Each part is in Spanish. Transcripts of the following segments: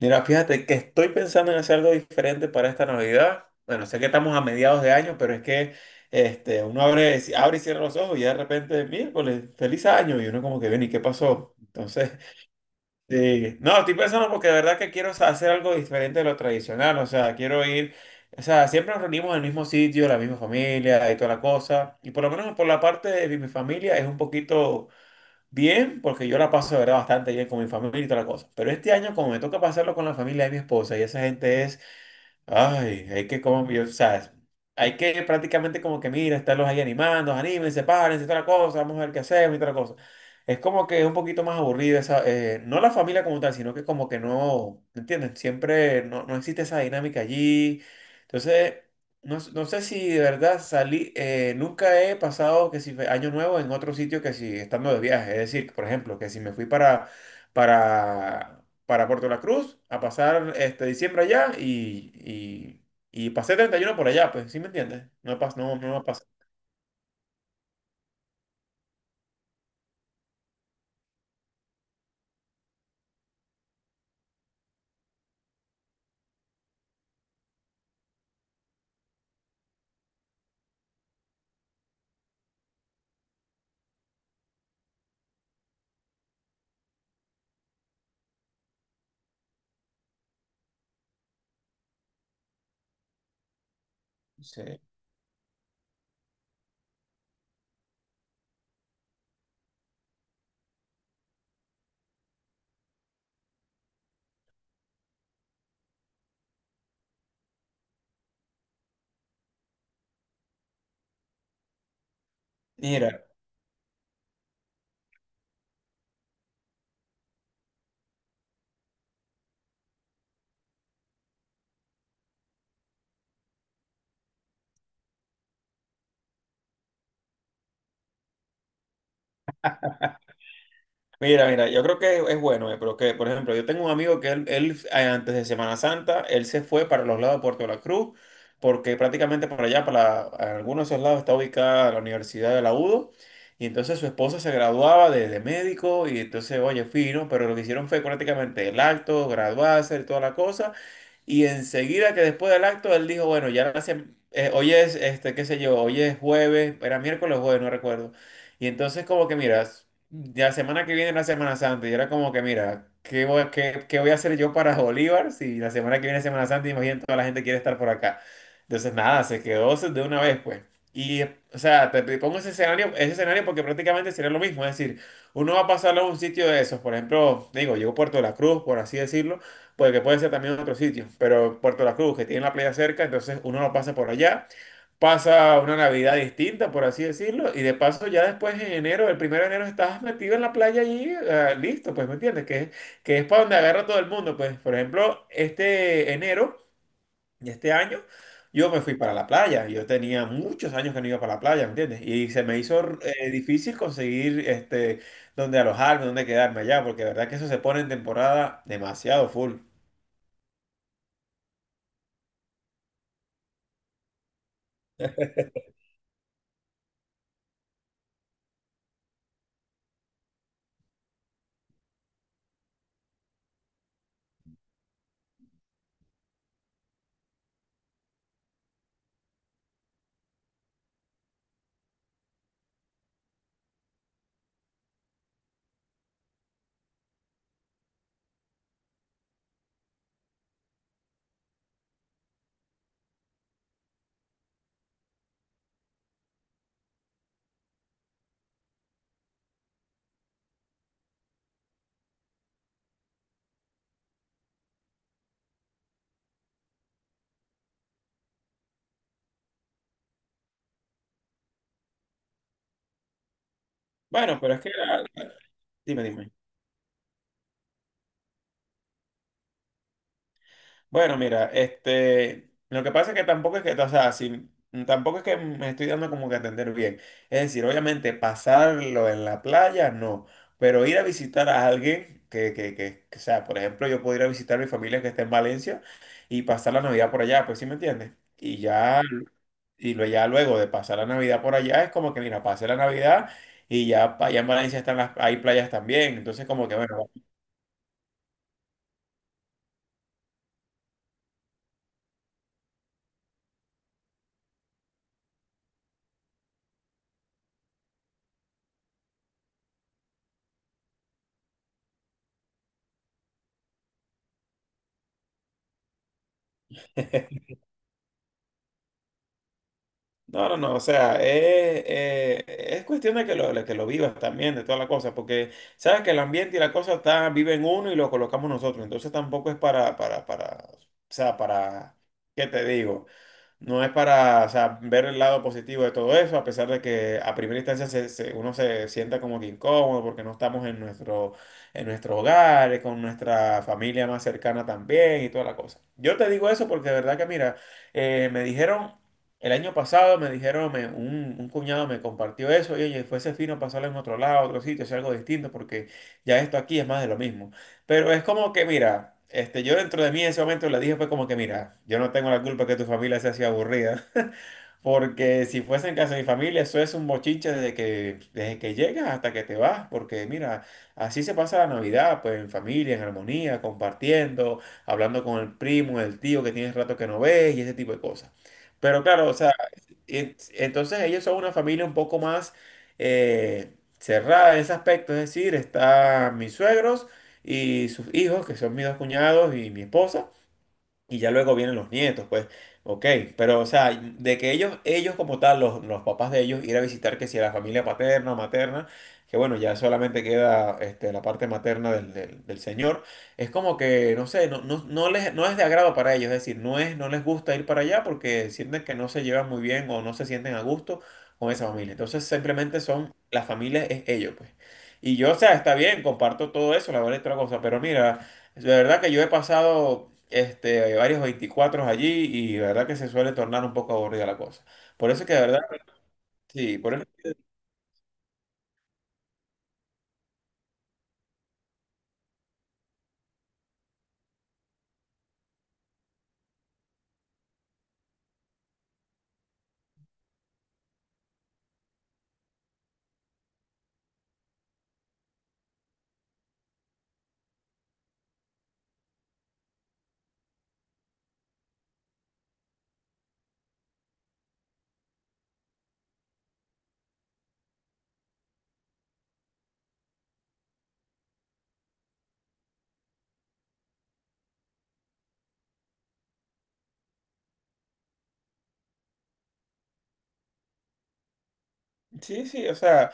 Mira, fíjate que estoy pensando en hacer algo diferente para esta Navidad. Bueno, sé que estamos a mediados de año, pero es que uno abre, si, abre y cierra los ojos y ya de repente, miércoles, feliz año. Y uno como que, ven, ¿y qué pasó? Entonces, sí. No, estoy pensando porque de verdad que quiero hacer algo diferente de lo tradicional. O sea, quiero ir, o sea, siempre nos reunimos en el mismo sitio, la misma familia y toda la cosa. Y por lo menos por la parte de mi familia es un poquito... Bien, porque yo la paso de verdad bastante bien con mi familia y toda la cosa. Pero este año, como me toca pasarlo con la familia de mi esposa, y esa gente es Ay, hay que como, yo, o sea, hay que prácticamente como que mira, estarlos ahí animando, anímense, párense, toda la cosa, vamos a ver qué hacemos y toda la cosa. Es como que es un poquito más aburrido esa, no la familia como tal, sino que como que no, ¿me entiendes? Siempre no existe esa dinámica allí. Entonces, no, no sé si de verdad salí, nunca he pasado que si fue año nuevo en otro sitio que si estando de viaje. Es decir, por ejemplo, que si me fui para para Puerto La Cruz a pasar este diciembre allá y pasé 31 por allá, pues, ¿sí me entiendes? No pasa, no, no me pasa. Sí. Mira, mira, yo creo que es bueno, pero que, por ejemplo, yo tengo un amigo que él, antes de Semana Santa, él se fue para los lados de Puerto La Cruz, porque prácticamente por allá, para algunos de esos lados, está ubicada la Universidad de la UDO, y entonces su esposa se graduaba de médico, y entonces, oye, fino, pero lo que hicieron fue prácticamente el acto, graduarse y toda la cosa. Y enseguida que después del acto, él dijo, bueno, ya hace, hoy es, qué sé yo, hoy es jueves, era miércoles o jueves, no recuerdo. Y entonces como que, mira, la semana que viene es la Semana Santa, y era como que, mira, ¿qué voy a hacer yo para Bolívar si la semana que viene es Semana Santa? Imagínate, toda la gente quiere estar por acá. Entonces, nada, se quedó de una vez, pues. Y, o sea, te pongo ese escenario, porque prácticamente sería lo mismo, es decir, uno va a pasarlo a un sitio de esos, por ejemplo, digo, llegó a Puerto de la Cruz, por así decirlo, porque puede ser también en otro sitio, pero Puerto La Cruz, que tiene la playa cerca, entonces uno lo pasa por allá, pasa una Navidad distinta, por así decirlo, y de paso ya después en enero, el primero de enero estás metido en la playa y ah, listo, pues, ¿me entiendes? Que es para donde agarra todo el mundo, pues, por ejemplo, este enero y este año, yo me fui para la playa, yo tenía muchos años que no iba para la playa, ¿me entiendes? Y se me hizo difícil conseguir este, donde alojarme, donde quedarme allá, porque de verdad que eso se pone en temporada demasiado full. Bueno, pero es que, ah, dime. Bueno, mira, este, lo que pasa es que tampoco es que, o sea, si, tampoco es que me estoy dando como que a entender bien. Es decir, obviamente pasarlo en la playa, no, pero ir a visitar a alguien que, o sea, por ejemplo, yo puedo ir a visitar a mi familia que está en Valencia y pasar la Navidad por allá, pues sí me entiendes. Y ya, ya luego de pasar la Navidad por allá, es como que, mira, pasé la Navidad y ya allá en Valencia están las, hay playas también, entonces como que, bueno. No, no, no, o sea, es cuestión de de que lo vivas también, de toda la cosa, porque sabes que el ambiente y la cosa está, vive en uno y lo colocamos nosotros, entonces tampoco es para, o sea, ¿qué te digo? No es para, o sea, ver el lado positivo de todo eso, a pesar de que a primera instancia uno se sienta como que incómodo porque no estamos en nuestro hogar, con nuestra familia más cercana también y toda la cosa. Yo te digo eso porque de verdad que, mira, me dijeron, el año pasado me dijeron, un cuñado me compartió eso y oye, fuese fino pasarlo en otro lado, otro sitio, hacer algo distinto porque ya esto aquí es más de lo mismo. Pero es como que, mira, este, yo dentro de mí en ese momento le dije, fue como que, mira, yo no tengo la culpa que tu familia sea así aburrida, porque si fuese en casa de mi familia, eso es un bochinche desde que llegas hasta que te vas, porque mira, así se pasa la Navidad, pues en familia, en armonía, compartiendo, hablando con el primo, el tío que tienes rato que no ves y ese tipo de cosas. Pero claro, o sea, y entonces ellos son una familia un poco más eh, cerrada en ese aspecto, es decir, están mis suegros y sus hijos, que son mis dos cuñados y mi esposa. Y ya luego vienen los nietos, pues, ok, pero o sea, de que ellos como tal, los papás de ellos, ir a visitar que si a la familia paterna o materna, que bueno, ya solamente queda este, la parte materna del señor, es como que, no sé, no, no es de agrado para ellos, es decir, no es, no les gusta ir para allá porque sienten que no se llevan muy bien o no se sienten a gusto con esa familia. Entonces simplemente son, la familia es ellos, pues. Y yo, o sea, está bien, comparto todo eso, la verdad, otra cosa, pero mira. De verdad que yo he pasado este, hay varios 24 allí y de verdad que se suele tornar un poco aburrida la cosa. Por eso que de verdad, sí, sí, sí, o sea,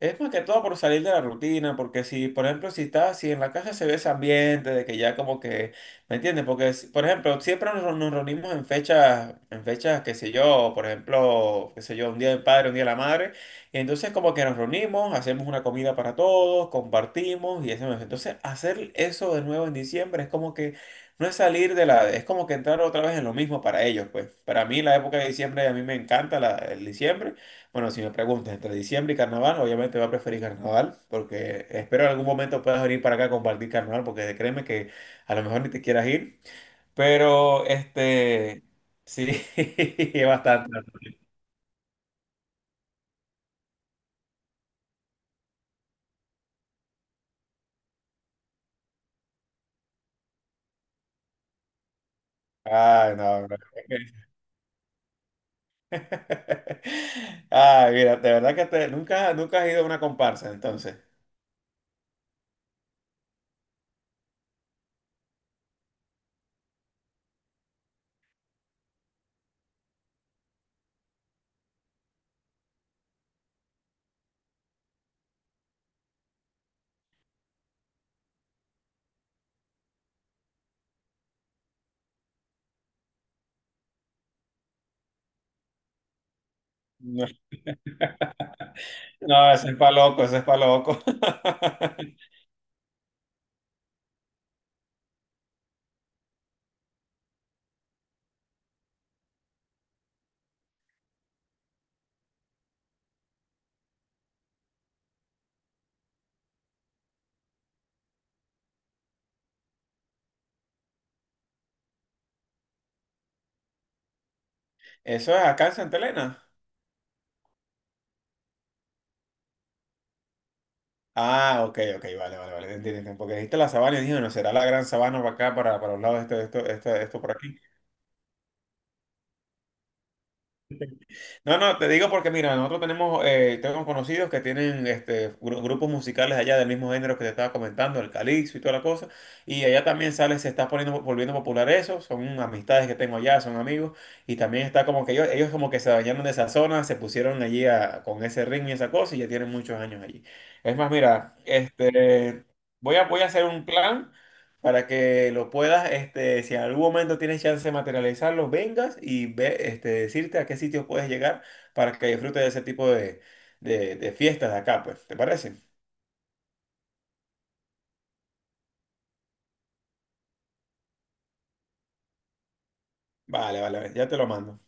es más que todo por salir de la rutina, porque si, por ejemplo, si estás, si en la casa se ve ese ambiente de que ya como que, ¿me entiendes? Porque, por ejemplo, siempre nos reunimos en fechas, qué sé yo, por ejemplo, qué sé yo, un día del padre, un día de la madre, y entonces como que nos reunimos, hacemos una comida para todos, compartimos y hacemos. Entonces, hacer eso de nuevo en diciembre es como que no es salir de la, es como que entrar otra vez en lo mismo para ellos, pues. Para mí la época de diciembre, a mí me encanta el diciembre. Bueno, si me preguntas entre diciembre y carnaval, obviamente va a preferir carnaval, porque espero en algún momento puedas venir para acá a compartir carnaval, porque créeme que a lo mejor ni te quieras ir, pero este, sí, es bastante. Ay, no, no. Ay, mira, de verdad que nunca, nunca has ido a una comparsa, entonces. No, no, eso es pa' loco, eso es pa' loco. Eso es acá en Santa Elena. Ah, ok, ok, vale, vale, vale, entiendo, entiendo, porque dijiste la sabana y dije, no, será la gran sabana para acá, para los lados, esto por aquí. No, no, te digo porque mira, nosotros tenemos, tenemos conocidos que tienen este, grupos musicales allá del mismo género que te estaba comentando, el calipso y toda la cosa, y allá también sale, se está poniendo, volviendo popular eso, son amistades que tengo allá, son amigos, y también está como que ellos como que se bañaron de esa zona, se pusieron allí con ese ritmo y esa cosa, y ya tienen muchos años allí. Es más, mira, este... Voy a, voy a hacer un plan. Para que lo puedas, este, si en algún momento tienes chance de materializarlo, vengas y ve, este, decirte a qué sitios puedes llegar para que disfrutes de ese tipo de fiestas de acá, pues. ¿Te parece? Vale, vale, vale, ya te lo mando.